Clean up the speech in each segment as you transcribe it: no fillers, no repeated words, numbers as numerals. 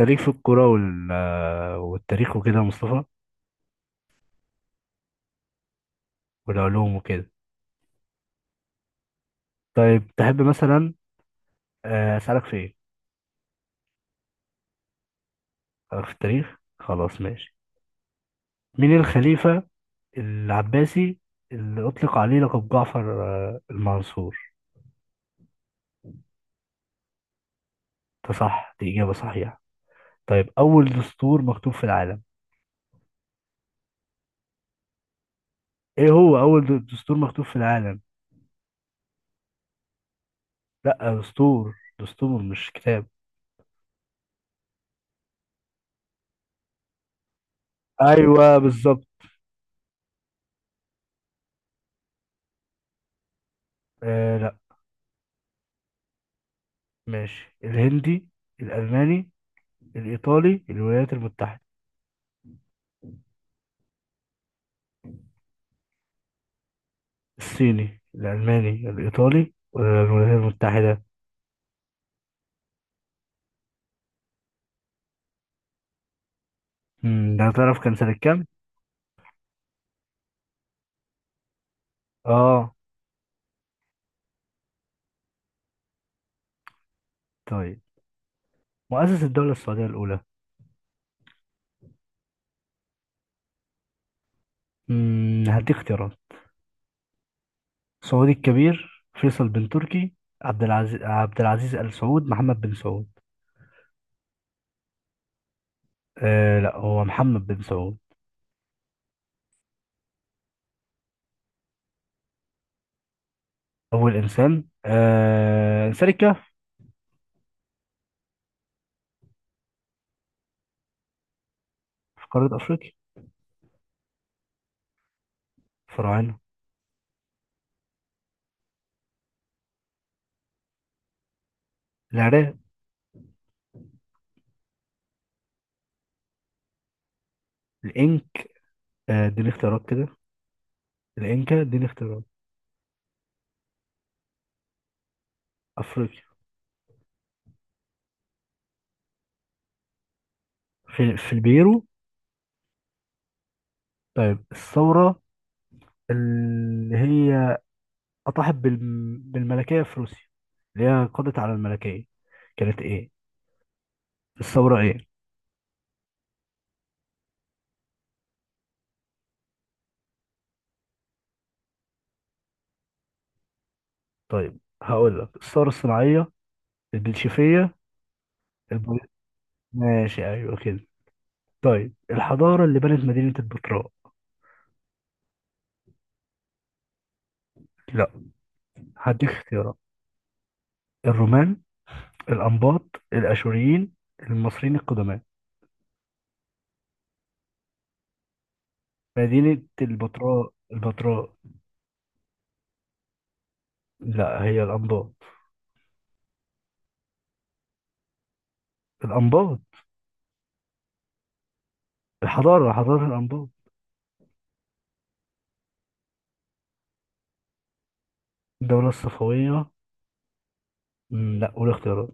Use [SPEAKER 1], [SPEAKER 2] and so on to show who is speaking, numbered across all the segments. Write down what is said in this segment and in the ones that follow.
[SPEAKER 1] انت ليك في الكورة والتاريخ وكده يا مصطفى، والعلوم وكده. طيب تحب مثلا؟ أسألك في إيه؟ أسألك في التاريخ، خلاص ماشي. مين الخليفة العباسي اللي أطلق عليه لقب جعفر المنصور؟ ده صح، دي إجابة صحيحة. طيب أول دستور مكتوب في العالم. إيه هو أول دستور مكتوب في العالم؟ لأ دستور، مش كتاب. أيوه بالظبط. آه لأ. ماشي، الهندي، الألماني، الإيطالي، الولايات المتحدة. الصيني، الألماني، الإيطالي والولايات المتحدة. ده تعرف كان سنة كام؟ اه. طيب، مؤسس الدولة السعودية الأولى. هديك اختيارات. سعودي الكبير، فيصل بن تركي، عبد العزيز آل سعود، محمد بن سعود. آه لا، هو محمد بن سعود. أول إنسان إنسان الكهف. في قارة أفريقيا. فراعنة. العراق. الإنك. آه اديني اختيارات كده. الإنكا، اديني اختيارات. أفريقيا. في البيرو. طيب الثورة اللي هي أطاحت بالملكية في روسيا، اللي هي قضت على الملكية، كانت إيه؟ الثورة إيه؟ طيب هقول لك: الثورة الصناعية، البلشفية، البو... ماشي أيوه كده. طيب الحضارة اللي بنت مدينة البتراء. لا، هديك اختيارات: الرومان، الأنباط، الأشوريين، المصريين القدماء. مدينة البتراء، البتراء. لا هي الأنباط. الأنباط. الحضارة حضارة الأنباط. الدولة الصفوية. لا قول اختيارات.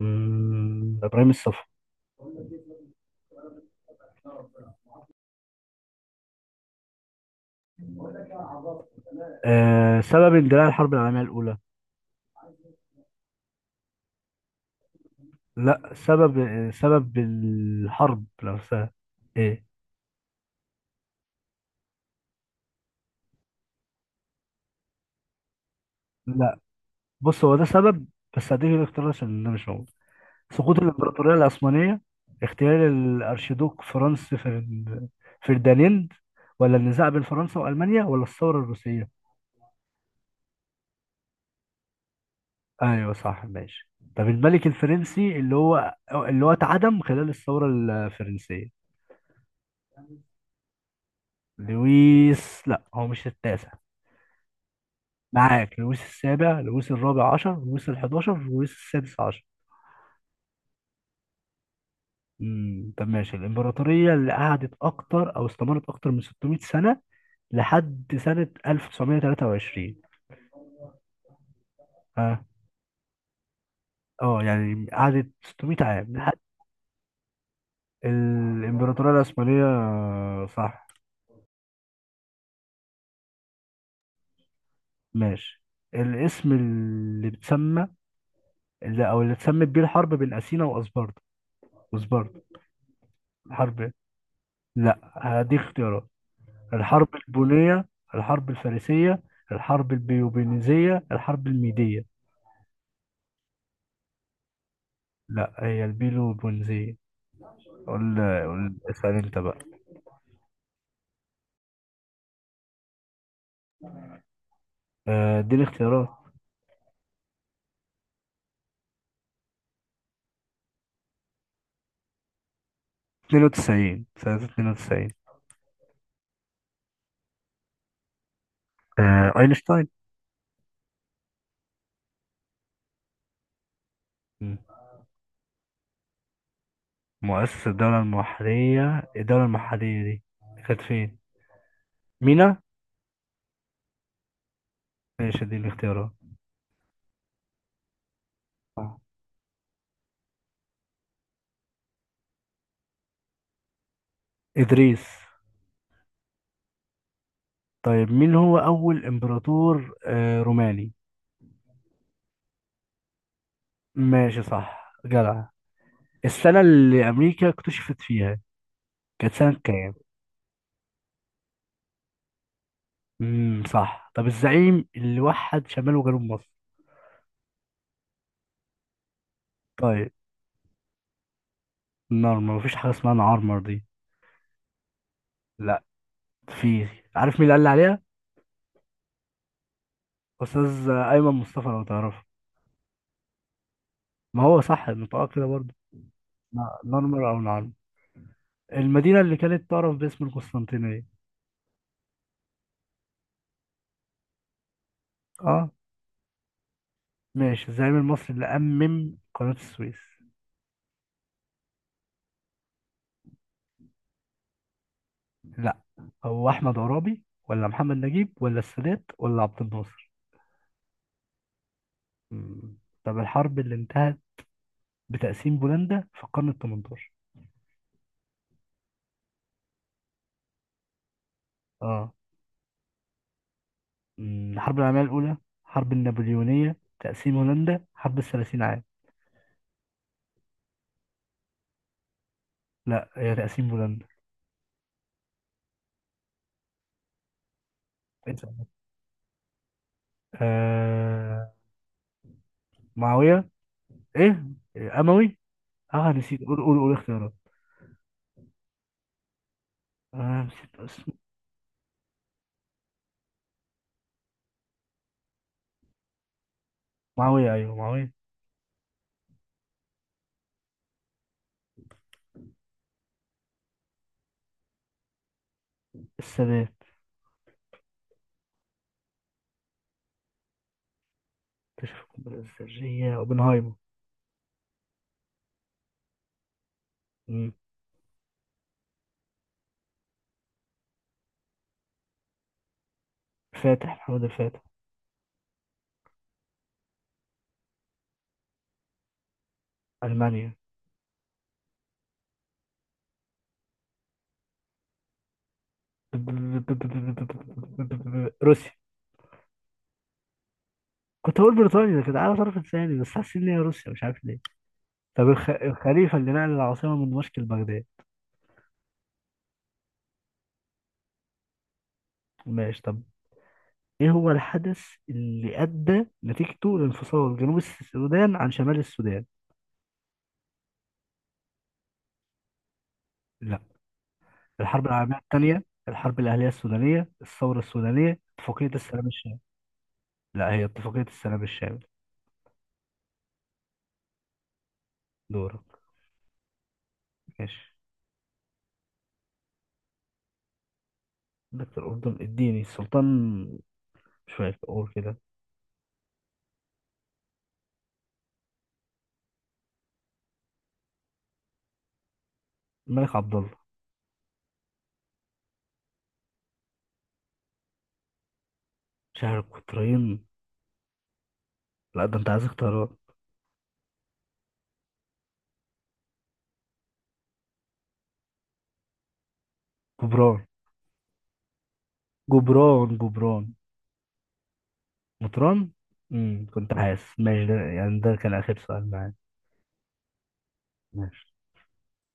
[SPEAKER 1] ابراهيم الصفا. سبب اندلاع الحرب العالميه الاولى. لا، سبب سبب الحرب نفسها. ايه؟ لا، بص هو ده سبب، بس هديك الاختيار عشان ده مش موجود. سقوط الامبراطوريه العثمانيه، اغتيال الارشيدوك فرديناند، ولا النزاع بين فرنسا والمانيا، ولا الثوره الروسيه. ايوه صح ماشي. طب الملك الفرنسي اللي هو اتعدم خلال الثوره الفرنسيه. لويس، لا هو مش التاسع. معاك لويس السابع، لويس الرابع عشر، لويس الحداشر، لويس السادس عشر. طب ماشي. الإمبراطورية اللي قعدت أكتر أو استمرت أكتر من 600 سنة، لحد سنة 1923. ها؟ اه اه، يعني قعدت 600 عام لحد. الإمبراطورية العثمانية، صح. ماشي. الاسم اللي بتسمى، اللي اللي اتسمت بيه الحرب بين أثينا وأسباردا وأسباردا حرب إيه؟ لا هديك اختيارات: الحرب البونية، الحرب الفارسية، الحرب البيوبينيزية، الحرب الميدية. لا هي البيلوبونيزية. قول، اسأل انت بقى. اديني اختيارات. 92، سنة 92. اينشتاين. مم. مؤسس الدولة المحلية. دي كانت فين؟ مينا؟ ماشي اديني اختيارات. آه. إدريس. طيب مين هو أول إمبراطور روماني؟ ماشي، صح، جدع. السنة اللي أمريكا اكتشفت فيها كانت سنة كام؟ صح. طب الزعيم اللي وحد شمال وجنوب مصر؟ طيب. النار مفيش حاجة اسمها نعرمر دي. لا، في. عارف مين اللي قال لي عليها؟ أستاذ أيمن مصطفى، لو تعرفه. ما هو صح النطاق كده برضه. نارمر أو نعرمر. المدينة اللي كانت تعرف باسم القسطنطينية. اه، ماشي. الزعيم المصري اللي قناة السويس. لا، هو أحمد عرابي، ولا محمد نجيب، ولا السادات، ولا عبد الناصر. مم. طب الحرب اللي انتهت بتقسيم بولندا في القرن ال 18. اه. مم، الحرب العالمية الأولى، الحرب النابليونية، تقسيم هولندا، حرب الثلاثين عام. لا هي تقسيم هولندا. اسأل. آه... معاوية. إيه؟ أموي. آه نسيت، قول اختيارات. آه نسيت اسمه. معاوية، أيوه معاوية. السادات. اكتشف القنبلة الذرية أوبنهايمر. مم. فاتح، محمد الفاتح. ألمانيا. روسيا. كنت هقول بريطانيا، كنت عارف، طرف لساني، بس حاسس ان هي روسيا مش عارف ليه. طب الخليفة اللي نقل العاصمة من دمشق لبغداد. ماشي. طب ايه هو الحدث اللي ادى نتيجته لانفصال جنوب السودان عن شمال السودان؟ لا. الحرب العالميه الثانيه، الحرب الاهليه السودانيه، الثوره السودانيه، اتفاقيه السلام الشامل. لا هي اتفاقيه السلام الشامل. دورك. ماشي. دكتور أردن، اديني. السلطان، مش فاكر، اقول كده. الملك عبد الله. شهر القطرين. لا ده انت عايز اختيارات. جبران. جبران، جبران. مطران. كنت حاسس. ماشي، ده يعني ده كان اخر سؤال معايا. ماشي.